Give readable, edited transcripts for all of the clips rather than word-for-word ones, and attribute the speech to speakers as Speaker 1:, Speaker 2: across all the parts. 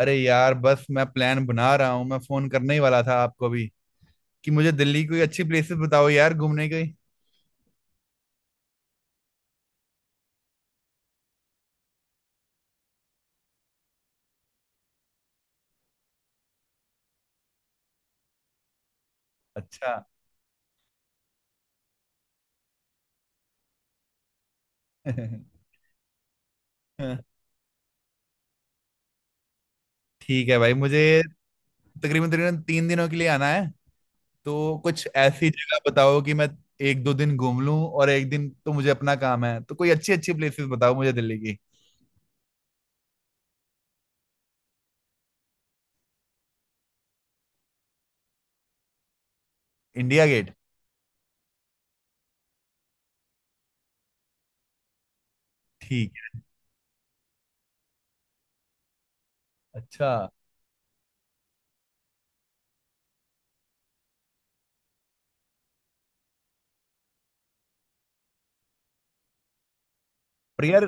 Speaker 1: अरे यार, बस मैं प्लान बना रहा हूँ। मैं फोन करने ही वाला था आपको भी कि मुझे दिल्ली की कोई अच्छी प्लेसेस बताओ यार, घूमने की। अच्छा। ठीक है भाई, मुझे तकरीबन तकरीबन 3 दिनों के लिए आना है। तो कुछ ऐसी जगह बताओ कि मैं एक दो दिन घूम लूं, और एक दिन तो मुझे अपना काम है। तो कोई अच्छी अच्छी प्लेसेस बताओ मुझे दिल्ली की। India gate. ठीक। अच्छा है। और यार,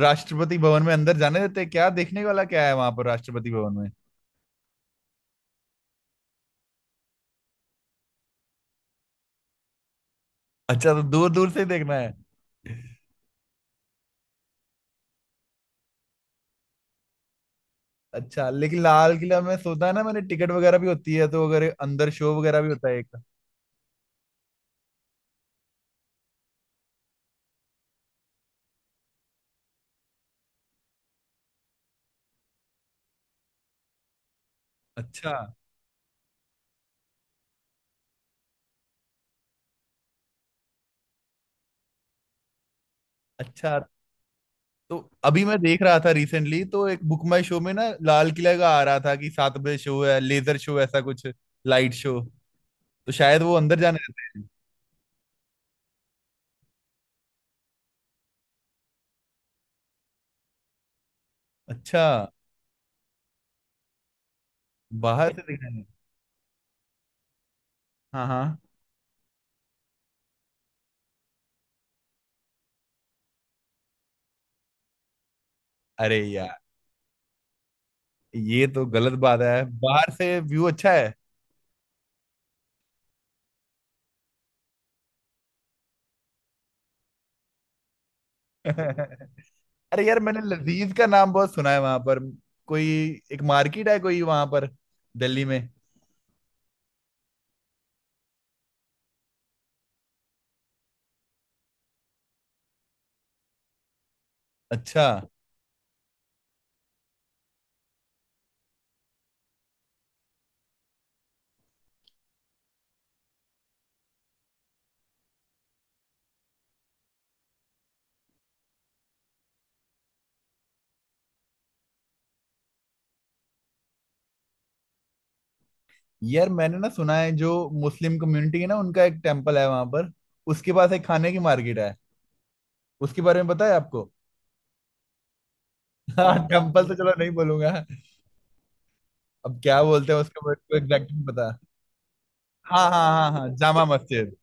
Speaker 1: राष्ट्रपति भवन में अंदर जाने देते हैं क्या? देखने वाला क्या है वहां पर राष्ट्रपति भवन में? अच्छा, तो दूर दूर से ही देखना है। अच्छा, लेकिन लाल किला में सोता है ना, मैंने टिकट वगैरह भी होती है, तो अगर अंदर शो वगैरह भी होता है, एक। अच्छा। अच्छा, तो अभी मैं देख रहा था रिसेंटली, तो एक बुक माई शो में ना लाल किला का आ रहा था कि 7 बजे शो है, लेजर शो, ऐसा कुछ। Light show. तो शायद वो अंदर जाने देते हैं। अच्छा। बाहर से दिखाएंगे। हाँ हाँ। अरे यार, ये तो गलत बात है। बाहर से व्यू अच्छा है। अरे यार, मैंने लजीज का नाम बहुत सुना है वहां पर। कोई एक मार्केट है कोई वहां पर, दिल्ली में। अच्छा। यार, मैंने ना सुना है जो मुस्लिम कम्युनिटी है ना, उनका एक टेम्पल है वहां पर। उसके पास एक खाने की मार्केट है। उसके बारे में पता है आपको? हाँ, टेम्पल तो चलो नहीं बोलूंगा। अब क्या बोलते हैं उसके बारे में, एग्जैक्ट नहीं पता। हाँ हाँ हाँ हाँ, जामा मस्जिद।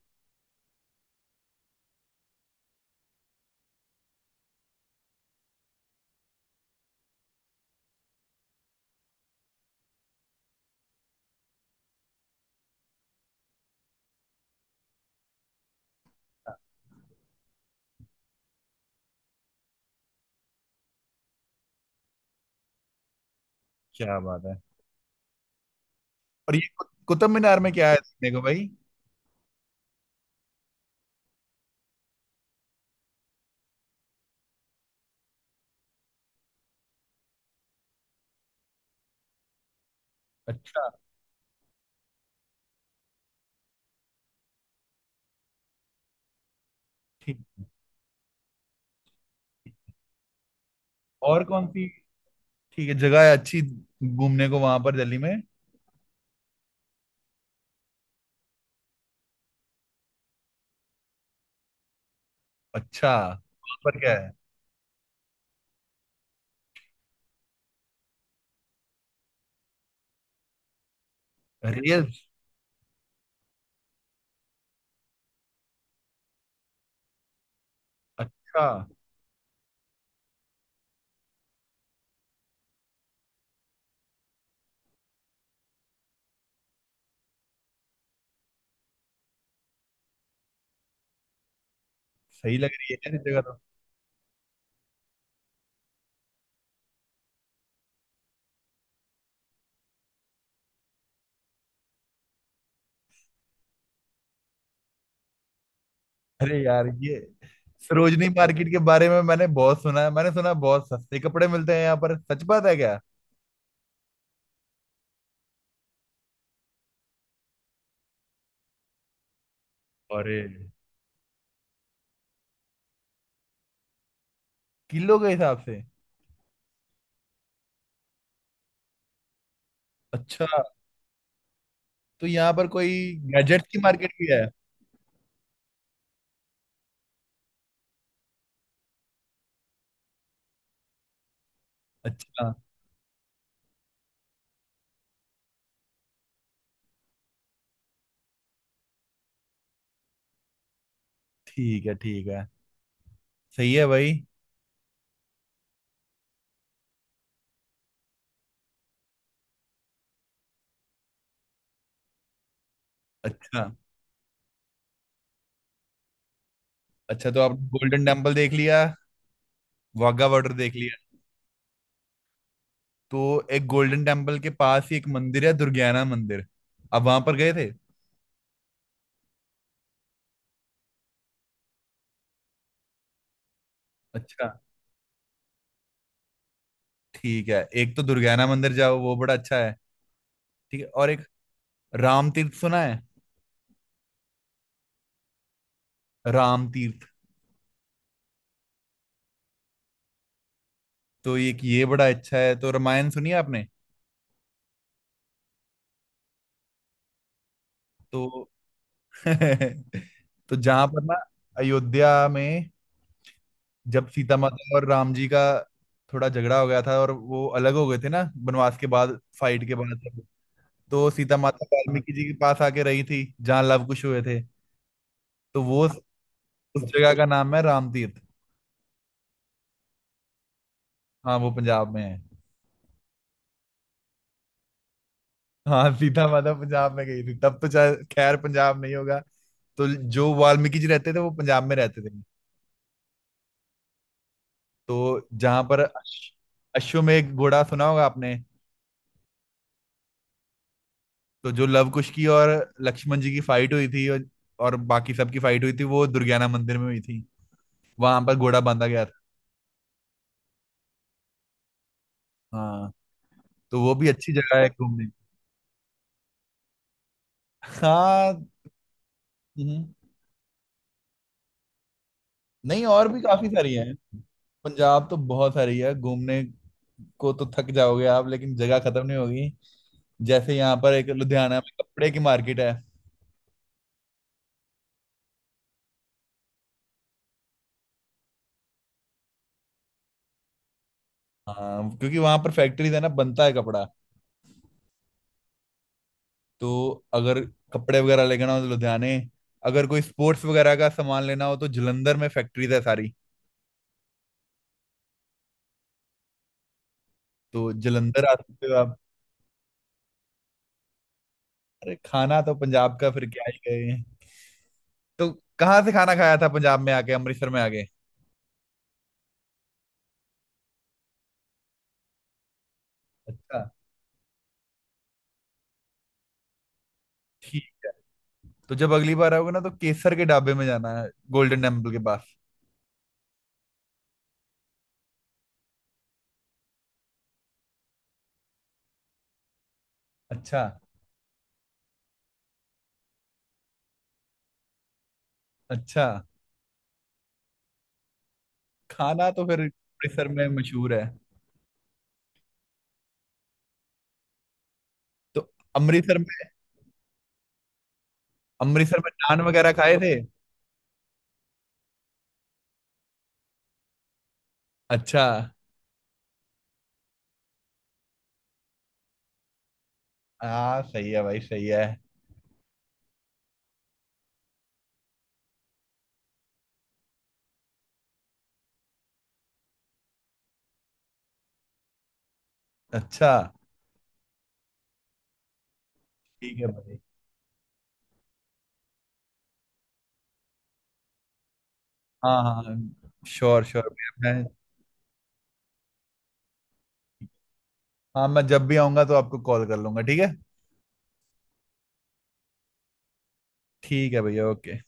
Speaker 1: क्या बात है। और ये कुतुब मीनार में क्या है देखने को भाई? अच्छा। ठीक। और कौन सी ठीक है जगह है अच्छी घूमने को वहां पर दिल्ली में? अच्छा, वहां पर क्या है, रेल्स? अच्छा, सही लग रही है यार ये जगह तो। अरे यार, ये सरोजनी मार्केट के बारे में मैंने बहुत सुना है। मैंने सुना है बहुत सस्ते कपड़े मिलते हैं यहाँ पर, सच बात है क्या? अरे, किलो के हिसाब से? अच्छा, तो यहाँ पर कोई गैजेट्स की मार्केट भी है? अच्छा। ठीक है, ठीक है। सही है भाई। अच्छा अच्छा, तो आप गोल्डन टेम्पल देख लिया। वाघा बॉर्डर देख लिया। तो एक गोल्डन टेम्पल के पास ही एक मंदिर है, दुर्गियाना मंदिर। अब वहां पर गए थे? अच्छा। ठीक है, एक तो दुर्गियाना मंदिर जाओ, वो बड़ा अच्छा है। ठीक है, और एक राम तीर्थ सुना है? राम तीर्थ। तो एक ये बड़ा अच्छा है। तो रामायण सुनी है आपने? तो तो जहां पर ना अयोध्या में जब सीता माता और राम जी का थोड़ा झगड़ा हो गया था, और वो अलग हो गए थे ना, वनवास के बाद, फाइट के बाद। तो सीता माता वाल्मीकि जी के पास आके रही थी, जहाँ लव कुश हुए थे। तो वो उस जगह का नाम है रामतीर्थ। हाँ, वो पंजाब में है। हाँ, सीता माता पंजाब में गई थी। तब तो चाहे खैर पंजाब नहीं होगा। तो जो वाल्मीकि जी रहते थे वो पंजाब में रहते थे। तो जहां पर अश्व, अश्वमेध घोड़ा सुना होगा आपने? तो जो लवकुश की और लक्ष्मण जी की फाइट हुई थी, और बाकी सबकी फाइट हुई थी, वो दुर्गियाना मंदिर में हुई थी। वहां पर घोड़ा बांधा गया था। हाँ। तो वो भी अच्छी जगह है घूमने। हाँ। हम्म। नहीं, और भी काफी सारी है। पंजाब तो बहुत सारी है घूमने को, तो थक जाओगे आप लेकिन जगह खत्म नहीं होगी। जैसे यहाँ पर एक लुधियाना में कपड़े की मार्केट है। हाँ, क्योंकि वहां पर फैक्ट्रीज है ना, बनता है कपड़ा। तो अगर कपड़े वगैरह लेना हो तो लुधियाने। अगर कोई स्पोर्ट्स वगैरह का सामान लेना हो तो जलंधर में फैक्ट्रीज है सारी। तो जलंधर आ सकते हो आप। अरे, खाना तो पंजाब का, फिर क्या ही गए। तो कहाँ से खाना खाया था पंजाब में आके, अमृतसर में आके? अच्छा। ठीक। तो जब अगली बार आओगे ना तो केसर के ढाबे में जाना है, गोल्डन टेम्पल के पास। अच्छा। अच्छा। खाना तो फिर अमृतसर में मशहूर है। तो अमृतसर में, अमृतसर में नान वगैरह खाए थे? अच्छा। हाँ, सही है भाई, सही है। अच्छा। ठीक है भाई। हाँ हाँ, श्योर श्योर। हाँ, मैं जब भी आऊंगा तो आपको कॉल कर लूंगा, ठीक है? ठीक है भैया, ओके।